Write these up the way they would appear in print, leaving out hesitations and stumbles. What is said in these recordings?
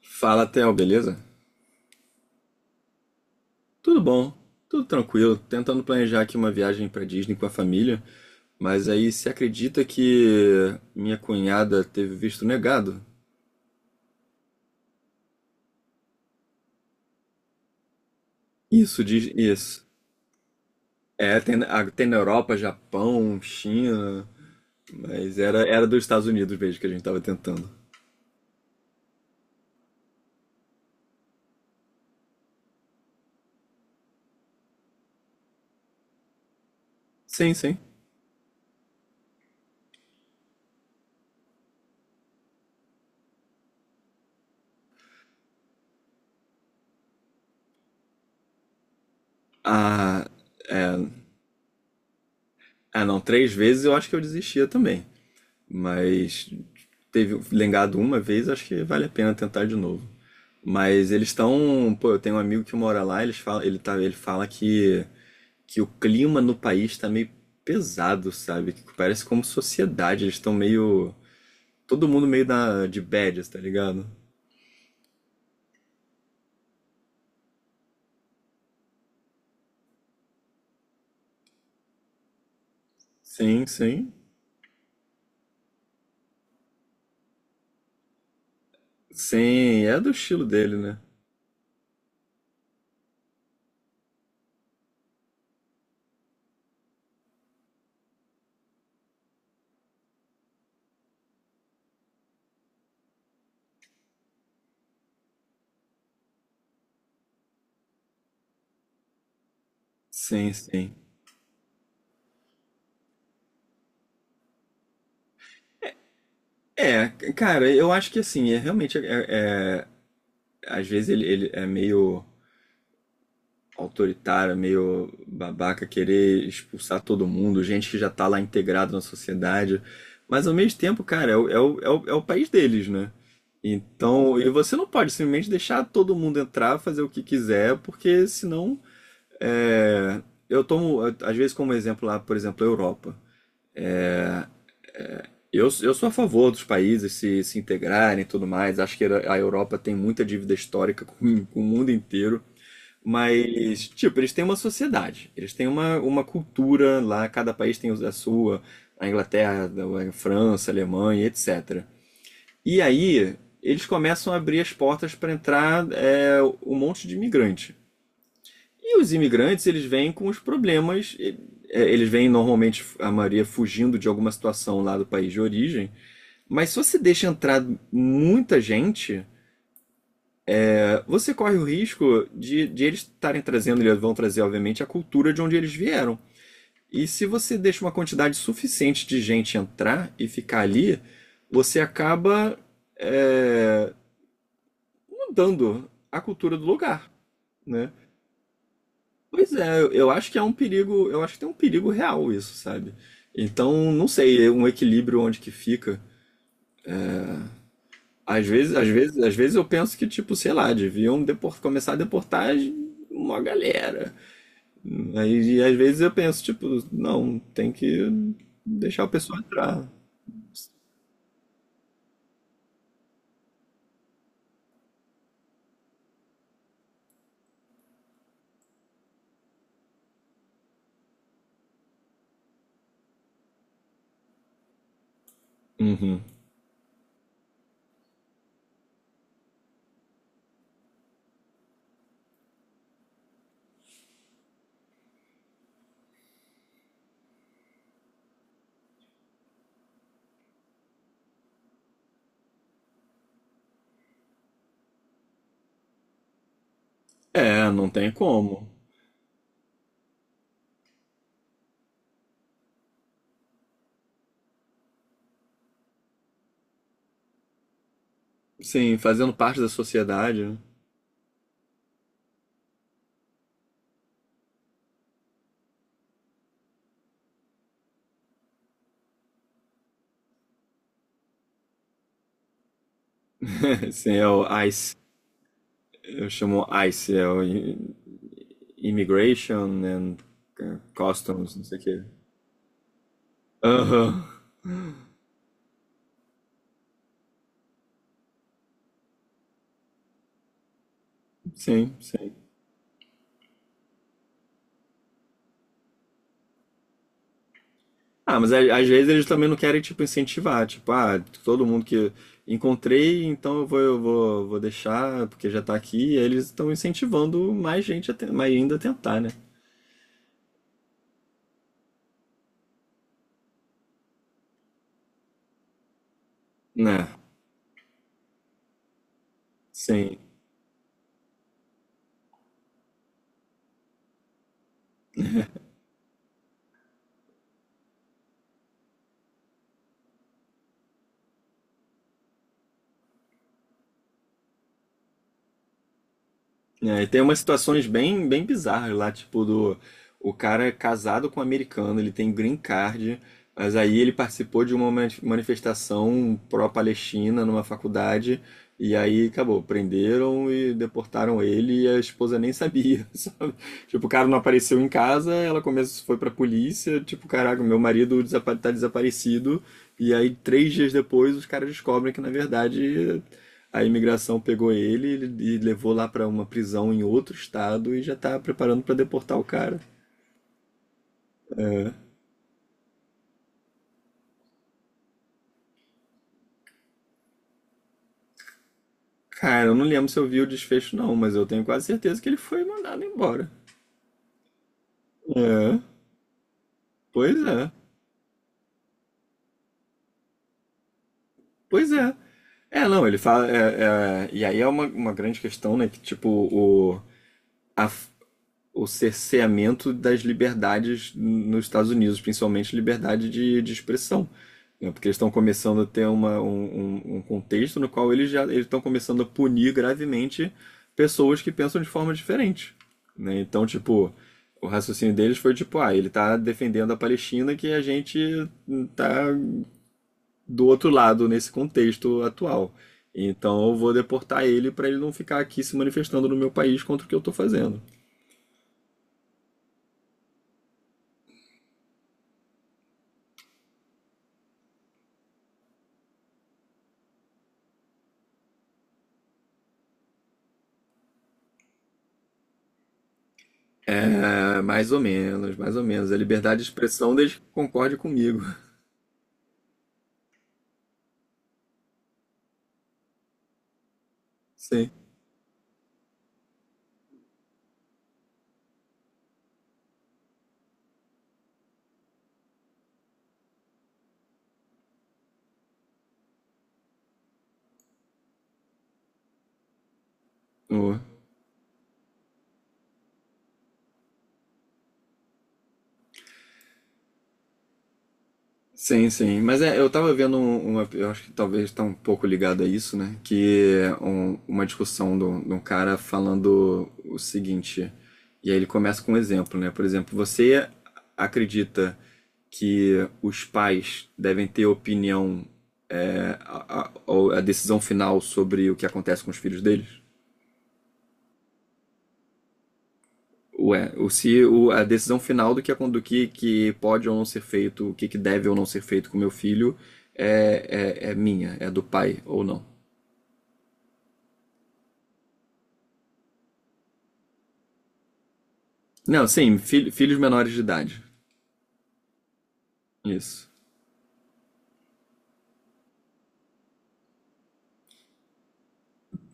Fala, Theo, beleza? Tudo bom, tudo tranquilo. Tentando planejar aqui uma viagem pra Disney com a família, mas aí você acredita que minha cunhada teve visto negado? Isso diz isso. É, tem, tem na Europa, Japão, China, mas era dos Estados Unidos mesmo que a gente tava tentando. Sim, sim. Ah, é, ah, não, três vezes eu acho que eu desistia também. Mas teve lengado uma vez, acho que vale a pena tentar de novo. Mas eles estão, pô, eu tenho um amigo que mora lá, eles fala ele tá, ele fala que o clima no país tá meio pesado, sabe? Que parece como sociedade, eles estão meio todo mundo meio na de badges, tá ligado? Sim, sim. Sim, é do estilo dele, né? Sim, sim. É, cara, eu acho que assim, é realmente é- às vezes ele é meio autoritária, meio babaca, querer expulsar todo mundo, gente que já tá lá integrada na sociedade. Mas ao mesmo tempo, cara, é o país deles, né? Então, e você não pode simplesmente deixar todo mundo entrar, fazer o que quiser, porque senão. é, eu tomo, às vezes, como exemplo lá, por exemplo, a Europa. Eu sou a favor dos países se integrarem e tudo mais. Acho que a Europa tem muita dívida histórica com o mundo inteiro. Mas, tipo, eles têm uma sociedade, eles têm uma cultura lá, cada país tem a sua, a Inglaterra, a França, a Alemanha, etc. E aí, eles começam a abrir as portas para entrar um monte de imigrante. E os imigrantes, eles vêm com os problemas, eles vêm normalmente, a maioria, fugindo de alguma situação lá do país de origem, mas se você deixa entrar muita gente, você corre o risco de eles estarem trazendo, eles vão trazer, obviamente, a cultura de onde eles vieram. E se você deixa uma quantidade suficiente de gente entrar e ficar ali, você acaba é, mudando a cultura do lugar, né? Pois é, eu acho que é um perigo, eu acho que tem um perigo real isso, sabe? Então, não sei, é um equilíbrio onde que fica. Às vezes eu penso que, tipo, sei lá, deviam começar a deportar uma galera. Aí, e às vezes eu penso, tipo, não, tem que deixar o pessoal entrar. Uhum. É, não tem como. Sim, fazendo parte da sociedade, né? Sim, é o ICE. Eu chamo ICE, é o Immigration and Customs, não sei o quê. Aham. Sim, ah, mas às vezes eles também não querem, tipo, incentivar. Tipo, ah, todo mundo que encontrei, então vou deixar, porque já tá aqui. E aí eles estão incentivando mais gente mais ainda a tentar, né? Né? Sim. É, e tem umas situações bem, bem bizarras lá, tipo do o cara é casado com um americano, ele tem green card, mas aí ele participou de uma manifestação pró-Palestina numa faculdade e aí acabou, prenderam e deportaram ele e a esposa nem sabia, sabe? Tipo, o cara não apareceu em casa, ela começou, foi pra polícia, tipo, caraca, meu marido tá desaparecido. E aí, 3 dias depois, os caras descobrem que, na verdade, a imigração pegou ele e levou lá pra uma prisão em outro estado e já tá preparando pra deportar o cara. Cara, eu não lembro se eu vi o desfecho não, mas eu tenho quase certeza que ele foi mandado embora. É, pois é, pois é. É, não, ele fala. E aí é uma grande questão, né? Que tipo, a o cerceamento das liberdades nos Estados Unidos, principalmente liberdade de expressão, né? Porque eles estão começando a ter um contexto no qual eles estão começando a punir gravemente pessoas que pensam de forma diferente, né? Então, tipo, o raciocínio deles foi tipo, ah, ele tá defendendo a Palestina que a gente tá do outro lado nesse contexto atual. Então eu vou deportar ele para ele não ficar aqui se manifestando no meu país contra o que eu tô fazendo. É, mais ou menos, mais ou menos. A liberdade de expressão desde que concorde comigo. Sim. O- Sim, sim. Mas é, eu tava vendo uma. Eu acho que talvez tá um pouco ligado a isso, né? Que é uma discussão de um cara falando o seguinte. E aí ele começa com um exemplo, né? Por exemplo, você acredita que os pais devem ter opinião, a decisão final sobre o que acontece com os filhos deles? Ué, o, se o, a decisão final do que pode ou não ser feito, o que, que deve ou não ser feito com meu filho, é minha, é do pai ou não. Não, sim, filhos menores de idade. Isso.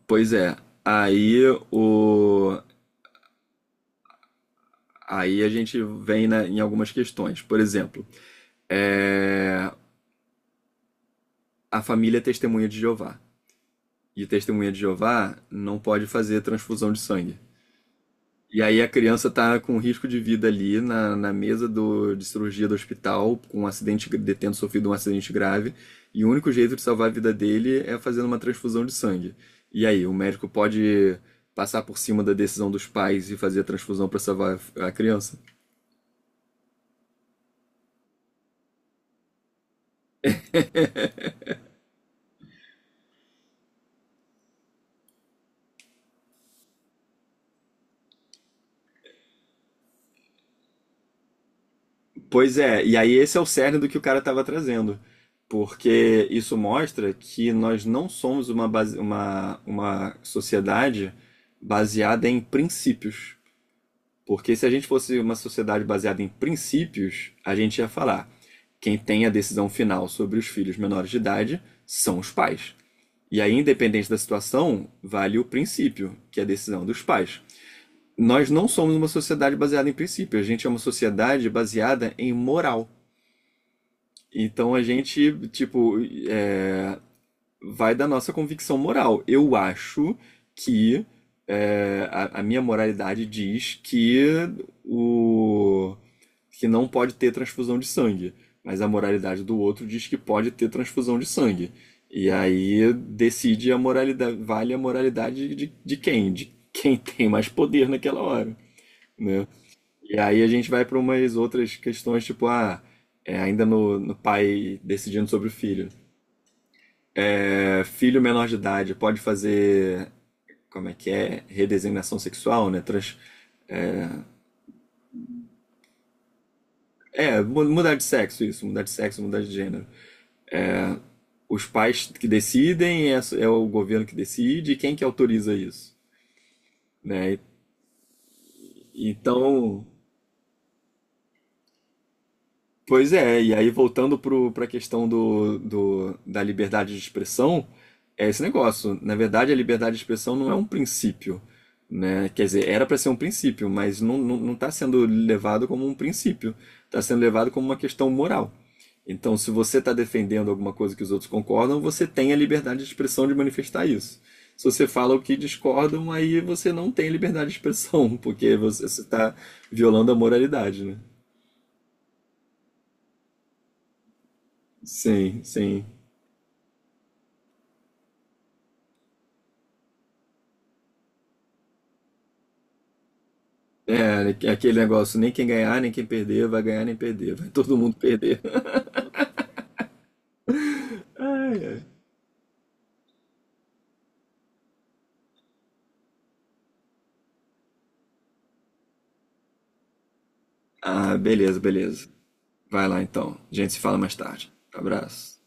Pois é. Aí o. Aí a gente vem em algumas questões. Por exemplo, é, a família é testemunha de Jeová. E testemunha de Jeová não pode fazer transfusão de sangue. E aí a criança tá com risco de vida ali na mesa de cirurgia do hospital, com um acidente, tendo sofrido um acidente grave, e o único jeito de salvar a vida dele é fazendo uma transfusão de sangue. E aí, o médico pode passar por cima da decisão dos pais e fazer a transfusão para salvar a criança? Pois é, e aí esse é o cerne do que o cara estava trazendo. Porque isso mostra que nós não somos uma sociedade baseada em princípios. Porque se a gente fosse uma sociedade baseada em princípios, a gente ia falar: quem tem a decisão final sobre os filhos menores de idade são os pais. E aí, independente da situação, vale o princípio, que é a decisão dos pais. Nós não somos uma sociedade baseada em princípios, a gente é uma sociedade baseada em moral. Então a gente, tipo, é, vai da nossa convicção moral. Eu acho que a minha moralidade diz que o que não pode ter transfusão de sangue, mas a moralidade do outro diz que pode ter transfusão de sangue. E aí decide a moralidade, vale a moralidade de quem? De quem tem mais poder naquela hora, né? E aí a gente vai para umas outras questões, tipo, ah, ainda no pai decidindo sobre o filho. É, filho menor de idade pode fazer. Como é que é? Redesignação sexual, né? Trans... É, mudar de sexo, isso, mudar de sexo, mudar de gênero. Os pais que decidem, é o governo que decide, e quem que autoriza isso, né? Então, pois é, e aí voltando para a questão da liberdade de expressão, é esse negócio. Na verdade, a liberdade de expressão não é um princípio, né? Quer dizer, era para ser um princípio, mas não, não, não está sendo levado como um princípio, está sendo levado como uma questão moral. Então, se você está defendendo alguma coisa que os outros concordam, você tem a liberdade de expressão de manifestar isso. Se você fala o que discordam, aí você não tem liberdade de expressão, porque você está violando a moralidade, né? Sim, sim. É, é aquele negócio, nem quem ganhar, nem quem perder, vai ganhar nem perder, vai todo mundo perder. Ai, ai. Ah, beleza, beleza. Vai lá então. A gente se fala mais tarde. Abraço.